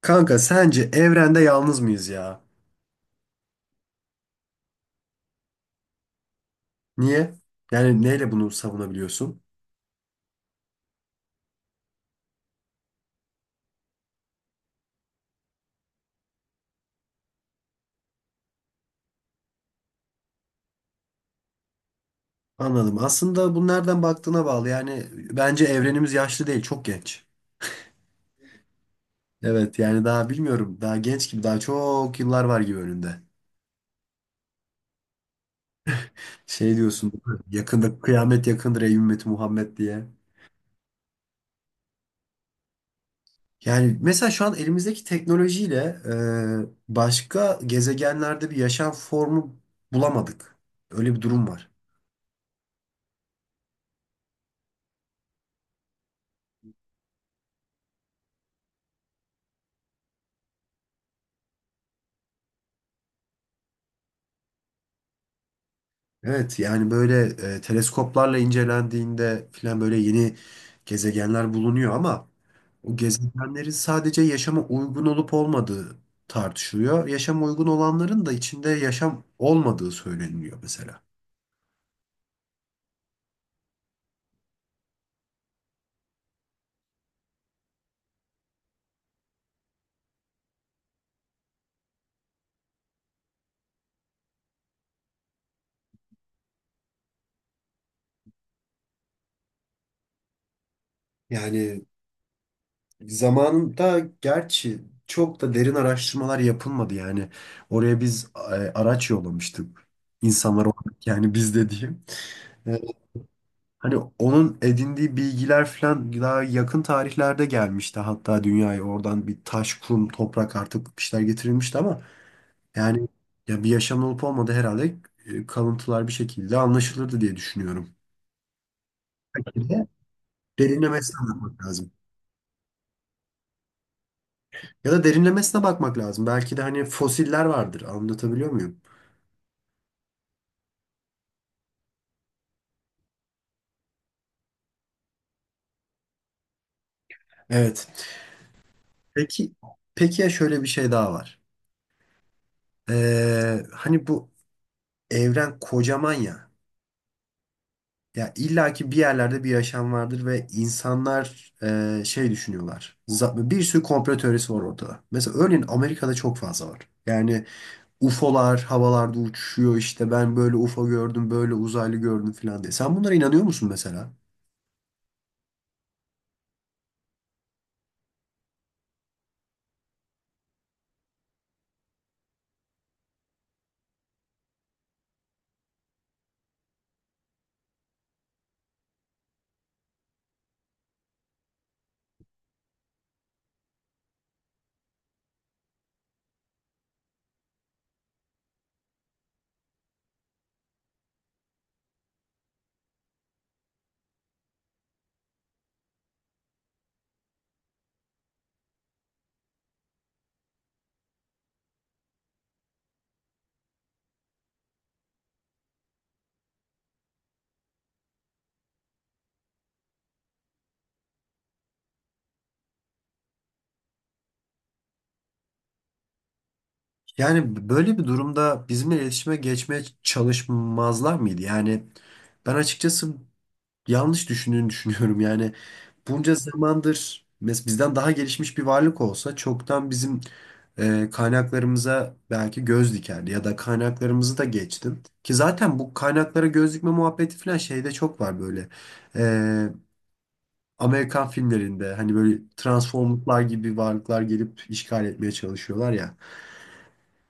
Kanka sence evrende yalnız mıyız ya? Niye? Yani neyle bunu savunabiliyorsun? Anladım. Aslında bu nereden baktığına bağlı. Yani bence evrenimiz yaşlı değil, çok genç. Evet yani daha bilmiyorum. Daha genç gibi, daha çok yıllar var gibi önünde. Şey diyorsun, değil mi? Yakında kıyamet yakındır ey ümmeti Muhammed diye. Yani mesela şu an elimizdeki teknolojiyle başka gezegenlerde bir yaşam formu bulamadık. Öyle bir durum var. Evet yani böyle teleskoplarla incelendiğinde filan böyle yeni gezegenler bulunuyor ama o gezegenlerin sadece yaşama uygun olup olmadığı tartışılıyor. Yaşama uygun olanların da içinde yaşam olmadığı söyleniyor mesela. Yani zamanında gerçi çok da derin araştırmalar yapılmadı yani. Oraya biz araç yollamıştık. İnsanlar olarak yani biz de diyeyim. E, Hani onun edindiği bilgiler falan daha yakın tarihlerde gelmişti. Hatta dünyaya oradan bir taş, kum, toprak artık bir şeyler getirilmişti ama yani ya bir yaşam olup olmadı herhalde kalıntılar bir şekilde anlaşılırdı diye düşünüyorum. Bir de derinlemesine bakmak lazım. Ya da derinlemesine bakmak lazım. Belki de hani fosiller vardır. Anlatabiliyor muyum? Evet. Peki, peki ya şöyle bir şey daha var. Hani bu evren kocaman ya. Ya illaki bir yerlerde bir yaşam vardır ve insanlar şey düşünüyorlar. Bir sürü komplo teorisi var ortada. Mesela örneğin Amerika'da çok fazla var. Yani UFO'lar havalarda uçuşuyor işte ben böyle UFO gördüm böyle uzaylı gördüm falan diye. Sen bunlara inanıyor musun mesela? Yani böyle bir durumda bizimle iletişime geçmeye çalışmazlar mıydı? Yani ben açıkçası yanlış düşündüğünü düşünüyorum. Yani bunca zamandır mes bizden daha gelişmiş bir varlık olsa çoktan bizim kaynaklarımıza belki göz dikerdi ya da kaynaklarımızı da geçtim. Ki zaten bu kaynaklara göz dikme muhabbeti falan şeyde çok var böyle. E, Amerikan filmlerinde hani böyle Transformers'lar gibi varlıklar gelip işgal etmeye çalışıyorlar ya.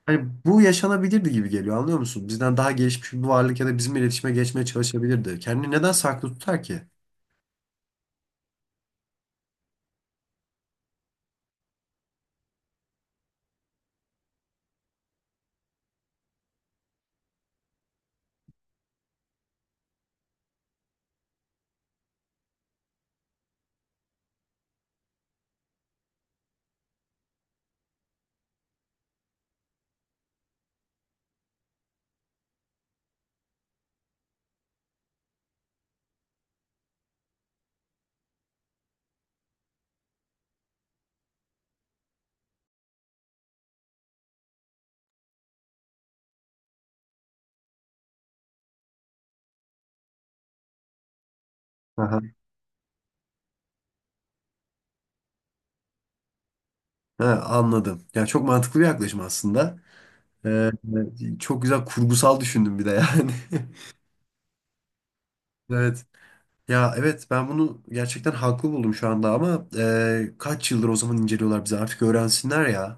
Hani bu yaşanabilirdi gibi geliyor anlıyor musun? Bizden daha gelişmiş bir varlık ya da bizim iletişime geçmeye çalışabilirdi. Kendini neden saklı tutar ki? Aha. Ha, anladım. Ya çok mantıklı bir yaklaşım aslında. Ee, çok güzel kurgusal düşündüm bir de yani. Evet. Ya evet ben bunu gerçekten haklı buldum şu anda ama kaç yıldır o zaman inceliyorlar bizi artık öğrensinler ya.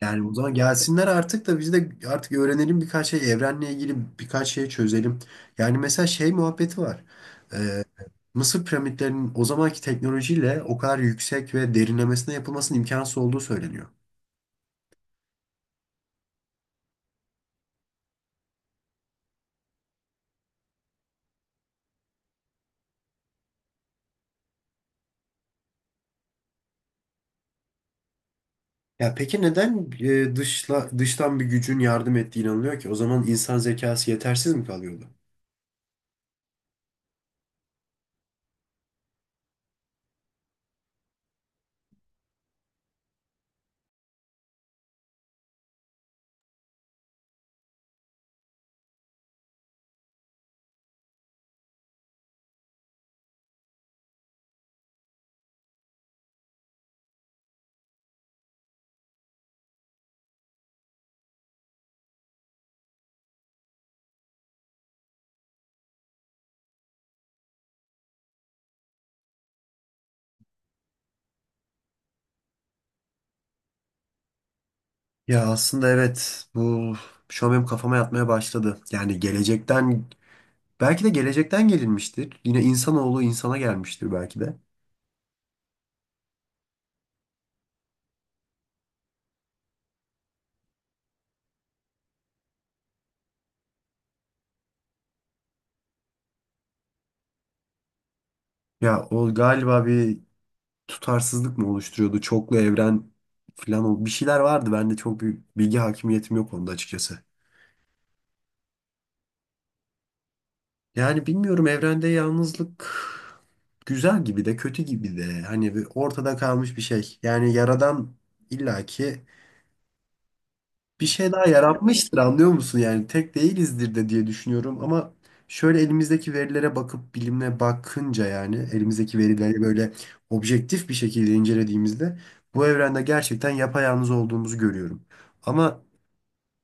Yani o zaman gelsinler artık da biz de artık öğrenelim birkaç şey evrenle ilgili birkaç şey çözelim. Yani mesela şey muhabbeti var. Ee, Mısır piramitlerinin o zamanki teknolojiyle o kadar yüksek ve derinlemesine yapılmasının imkansız olduğu söyleniyor. Ya peki neden dıştan bir gücün yardım ettiği inanılıyor ki? O zaman insan zekası yetersiz mi kalıyordu? Ya aslında evet bu şu an benim kafama yatmaya başladı. Yani gelecekten belki de gelecekten gelinmiştir. Yine insanoğlu insana gelmiştir belki de. Ya o galiba bir tutarsızlık mı oluşturuyordu? Çoklu evren falan bir şeyler vardı. Ben de çok bir bilgi hakimiyetim yok onda açıkçası. Yani bilmiyorum evrende yalnızlık güzel gibi de kötü gibi de hani bir ortada kalmış bir şey. Yani yaradan illaki bir şey daha yaratmıştır anlıyor musun? Yani tek değilizdir de diye düşünüyorum ama şöyle elimizdeki verilere bakıp bilimle bakınca yani elimizdeki verileri böyle objektif bir şekilde incelediğimizde bu evrende gerçekten yapayalnız olduğumuzu görüyorum. Ama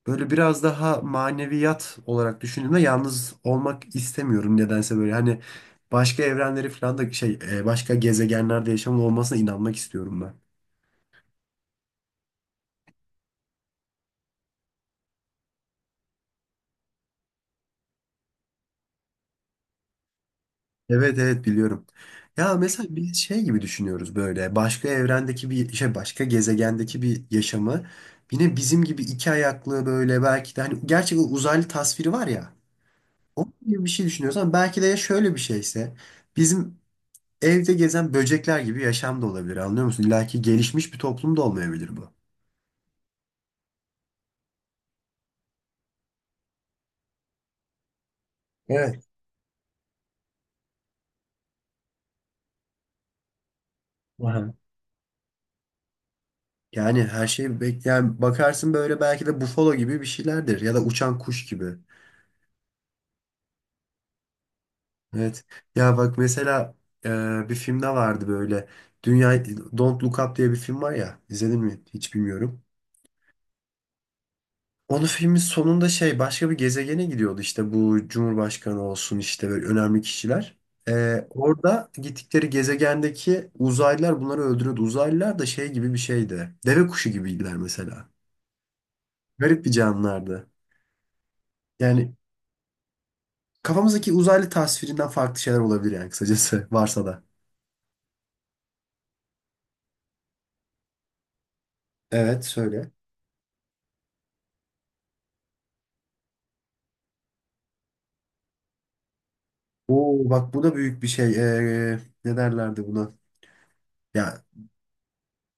böyle biraz daha maneviyat olarak düşündüğümde yalnız olmak istemiyorum nedense böyle hani başka evrenleri falan da başka gezegenlerde yaşamın olmasına inanmak istiyorum ben. Evet evet biliyorum. Ya mesela biz şey gibi düşünüyoruz böyle başka evrendeki bir şey başka gezegendeki bir yaşamı yine bizim gibi iki ayaklı böyle belki de hani gerçek uzaylı tasviri var ya onun gibi bir şey düşünüyorsan belki de ya şöyle bir şeyse bizim evde gezen böcekler gibi yaşam da olabilir anlıyor musun? İlla ki gelişmiş bir toplum da olmayabilir bu. Evet. Aha. Yani her şeyi bekleyen bakarsın böyle belki de bufalo gibi bir şeylerdir ya da uçan kuş gibi. Evet. Ya bak mesela bir filmde vardı böyle. Dünya Don't Look Up diye bir film var ya. İzledin mi? Hiç bilmiyorum. Onun filmin sonunda şey başka bir gezegene gidiyordu işte bu Cumhurbaşkanı olsun işte böyle önemli kişiler. Orada gittikleri gezegendeki uzaylılar bunları öldürüyordu. Uzaylılar da şey gibi bir şeydi. Deve kuşu gibiydiler mesela. Garip bir canlılardı. Yani kafamızdaki uzaylı tasvirinden farklı şeyler olabilir yani kısacası varsa da. Evet söyle. Oo bak bu da büyük bir şey. Ne derlerdi buna? Ya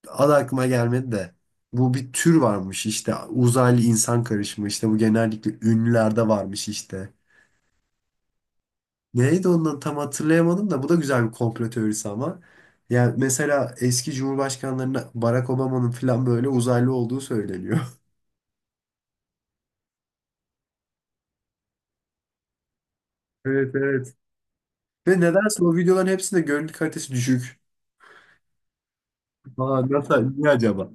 adı aklıma gelmedi de. Bu bir tür varmış işte. Uzaylı insan karışımı işte. Bu genellikle ünlülerde varmış işte. Neydi ondan tam hatırlayamadım da bu da güzel bir komplo teorisi ama. Yani mesela eski cumhurbaşkanlarına Barack Obama'nın falan böyle uzaylı olduğu söyleniyor. Evet evet. Ve nedense o videoların hepsinde görüntü kalitesi düşük. Aa, nasıl? Niye acaba?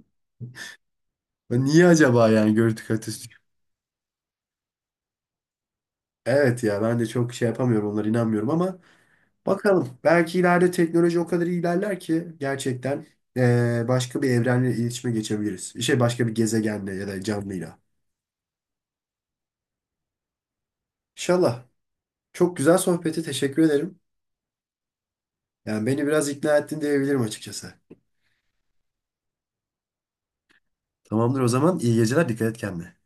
Niye acaba yani görüntü kalitesi düşük? Evet ya ben de çok şey yapamıyorum onlara inanmıyorum ama bakalım. Belki ileride teknoloji o kadar ilerler ki gerçekten başka bir evrenle iletişime geçebiliriz. Şey başka bir gezegenle ya da canlıyla. İnşallah. Çok güzel sohbeti teşekkür ederim. Yani beni biraz ikna ettin diyebilirim açıkçası. Tamamdır o zaman. İyi geceler. Dikkat et kendine.